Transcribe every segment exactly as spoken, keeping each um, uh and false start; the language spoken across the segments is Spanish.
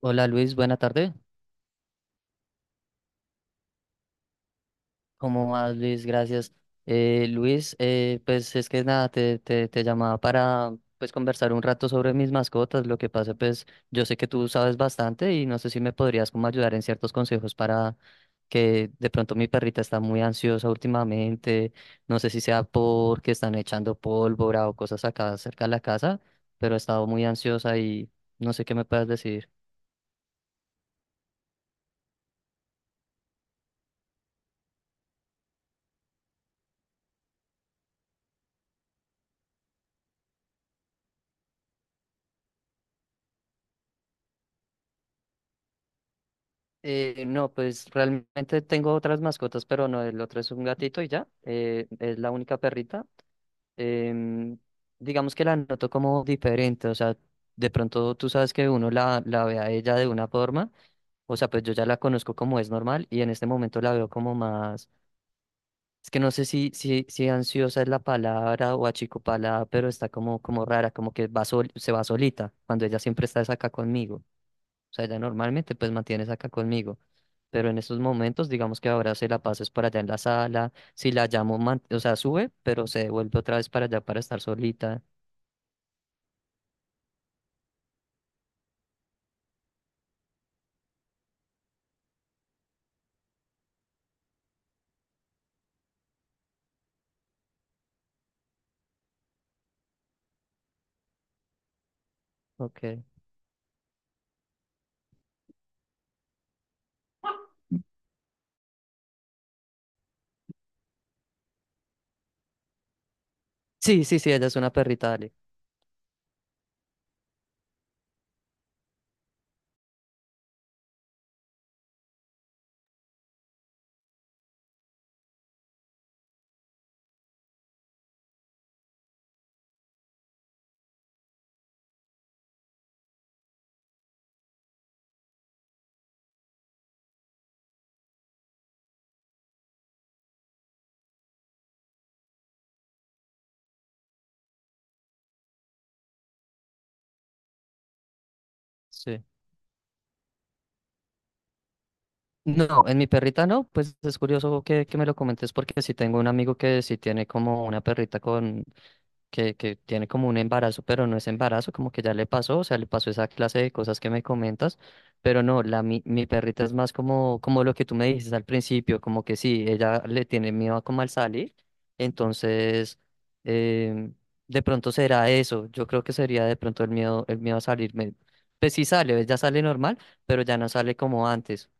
Hola Luis, buena tarde. ¿Cómo vas Luis? Gracias. Eh, Luis, eh, pues es que nada, te, te, te llamaba para pues conversar un rato sobre mis mascotas. Lo que pasa, pues yo sé que tú sabes bastante y no sé si me podrías como ayudar en ciertos consejos para que de pronto mi perrita está muy ansiosa últimamente. No sé si sea porque están echando pólvora o cosas acá cerca de la casa, pero ha estado muy ansiosa y no sé qué me puedas decir. Eh, no, pues realmente tengo otras mascotas, pero no, el otro es un gatito y ya, eh, es la única perrita. Em, digamos que la noto como diferente, o sea, de pronto tú sabes que uno la, la ve a ella de una forma, o sea, pues yo ya la conozco como es normal y en este momento la veo como más, es que no sé si, si, si ansiosa es la palabra o achicopalada, pero está como, como rara, como que va sol- se va solita, cuando ella siempre está es acá conmigo. O sea, ella normalmente pues mantienes acá conmigo. Pero en estos momentos, digamos que ahora se la pases para allá en la sala. Si la llamo, man- o sea, sube, pero se vuelve otra vez para allá para estar solita. Ok. Sí, sí, sí, ella es una perrita, dale. Sí. No, en mi perrita no, pues es curioso que, que me lo comentes porque sí tengo un amigo que sí tiene como una perrita con, que, que tiene como un embarazo, pero no es embarazo, como que ya le pasó, o sea, le pasó esa clase de cosas que me comentas, pero no, la mi, mi perrita es más como, como lo que tú me dices al principio, como que sí, ella le tiene miedo como al salir, entonces em, de pronto será eso, yo creo que sería de pronto el miedo, el miedo a salir, me- pues sí sale, ella sale normal, pero ya no sale como antes.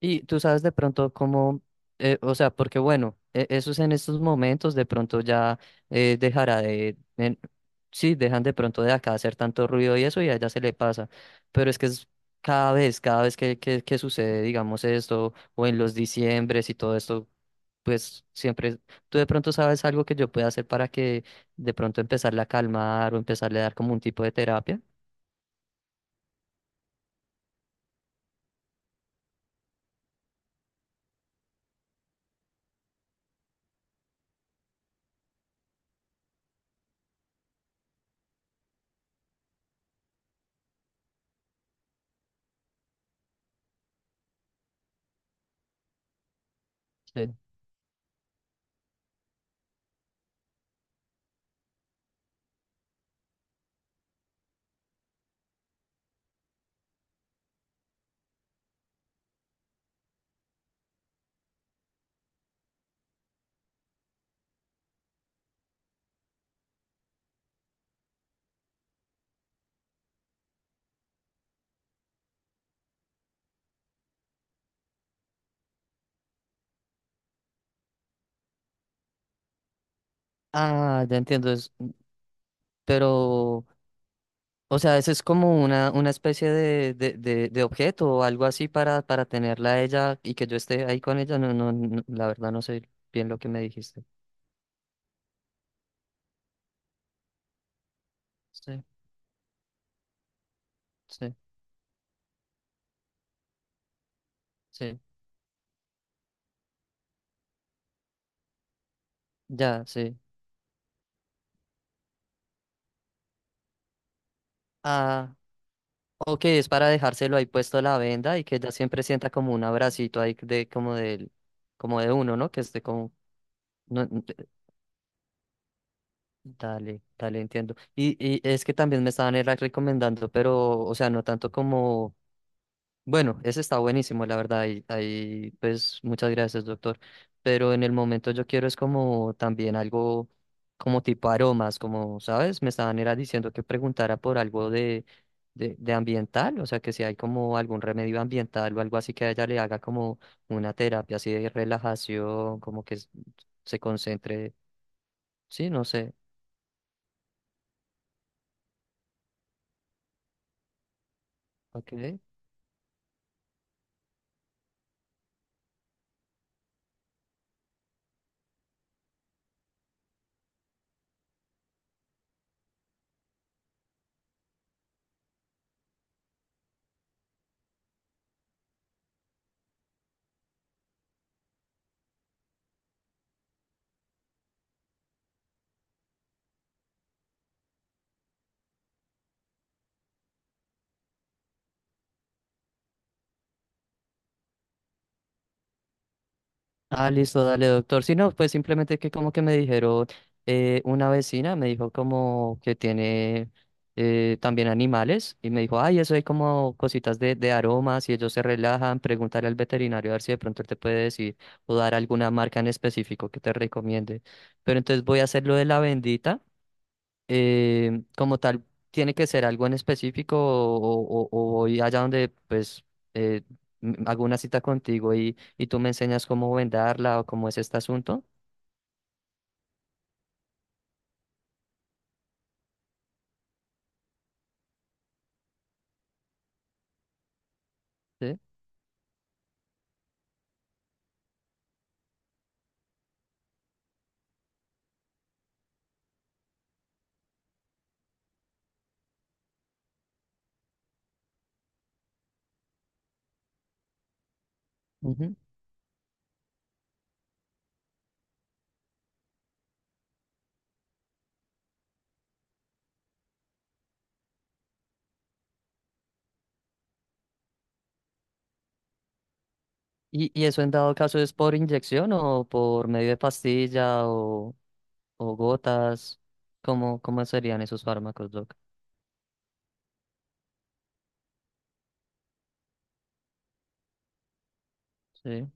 Y tú sabes de pronto cómo, eh, o sea, porque bueno, e- esos en estos momentos de pronto ya eh, dejará de, en- sí, dejan de pronto de acá hacer tanto ruido y eso y a ella se le pasa, pero es que es cada vez, cada vez que, que, que sucede, digamos esto, o en los diciembres y todo esto, pues siempre, tú de pronto sabes algo que yo pueda hacer para que de pronto empezarla a calmar o empezarle a dar como un tipo de terapia. Sí. Ah, ya entiendo, es- pero... O sea, eso es como una, una especie de, de, de, de objeto o algo así para, para tenerla a ella y que yo esté ahí con ella. No, no, no, la verdad no sé bien lo que me dijiste. Sí, sí, sí, ya, sí. Ah, ok, es para dejárselo ahí puesto la venda y que ella siempre sienta como un abracito ahí de como del, como de uno, ¿no? Que esté como, no, n- eh, dale, dale, entiendo. Y, y es que también me estaban era recomendando, pero, o sea, no tanto como. Bueno, ese está buenísimo, la verdad, y ahí pues muchas gracias, doctor. Pero en el momento yo quiero es como también algo como tipo aromas, como, ¿sabes? Me estaban era diciendo que preguntara por algo de, de, de ambiental, o sea, que si hay como algún remedio ambiental o algo así que a ella le haga como una terapia así de relajación, como que s- se concentre, sí, no sé. Ok. Ah, listo, dale, doctor. Si no, pues simplemente que como que me dijeron, eh, una vecina me dijo como que tiene eh, también animales y me dijo, ay, eso hay como cositas de, de aromas y ellos se relajan, pregúntale al veterinario a ver si de pronto él te puede decir o dar alguna marca en específico que te recomiende. Pero entonces voy a hacer lo de la bendita eh, como tal, tiene que ser algo en específico o, o, o voy allá donde pues eh, m- hago una cita contigo y, y tú me enseñas cómo vendarla o cómo es este asunto. ¿Sí? Ujú. ¿Y, y eso en dado caso es por inyección o por medio de pastilla o, o gotas? ¿Cómo, cómo serían esos fármacos, Doc? Sí.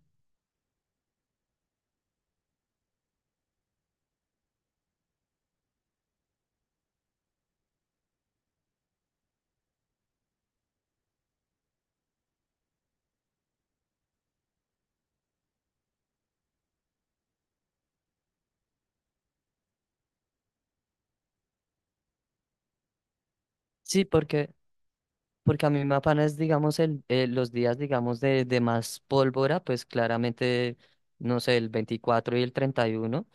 Sí, porque. Porque a mí me apana es, digamos, el, eh, los días, digamos, de, de más pólvora, pues claramente, no sé, el veinticuatro y el treinta y uno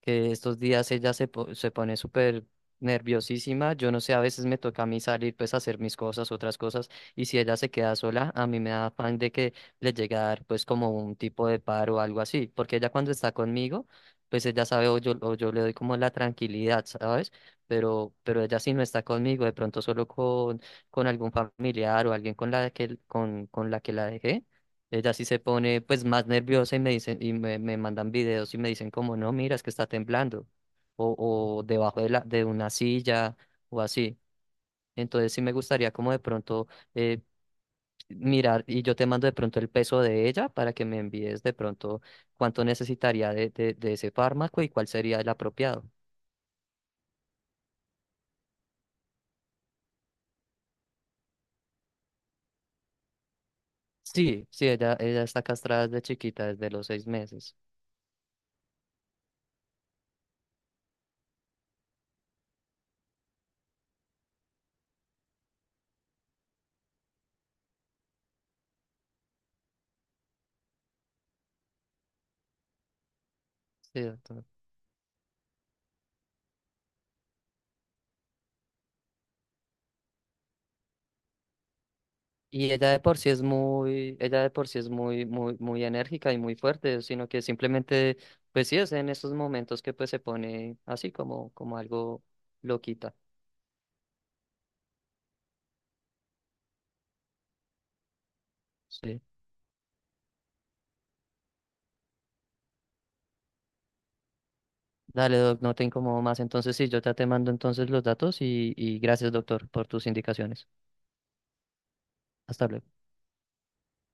que estos días ella se, po- se pone súper nerviosísima. Yo no sé, a veces me toca a mí salir, pues, a hacer mis cosas, otras cosas, y si ella se queda sola, a mí me da afán de que le llegue a dar, pues, como un tipo de paro o algo así. Porque ella cuando está conmigo, pues ella sabe o yo, o yo le doy como la tranquilidad, ¿sabes? Pero, pero ella si no está conmigo, de pronto solo con con algún familiar o alguien con la que, con, con la que la dejé, ella sí se pone pues más nerviosa y me dicen, y me, me mandan videos y me dicen como, no, mira, es que está temblando, o, o debajo de la, de una silla, o así. Entonces sí me gustaría como de pronto eh, mirar, y yo te mando de pronto el peso de ella para que me envíes de pronto cuánto necesitaría de, de, de ese fármaco y cuál sería el apropiado. Sí, sí, ella, ella está castrada desde chiquita, desde los seis meses. Sí. Y ella de por sí es muy, ella de por sí es muy, muy, muy enérgica y muy fuerte, sino que simplemente, pues sí, es en estos momentos que pues se pone así como, como algo loquita. Sí. Dale, Doc, no te incomodo más. Entonces sí, yo ya te mando entonces los datos y, y gracias, doctor, por tus indicaciones. Hasta luego.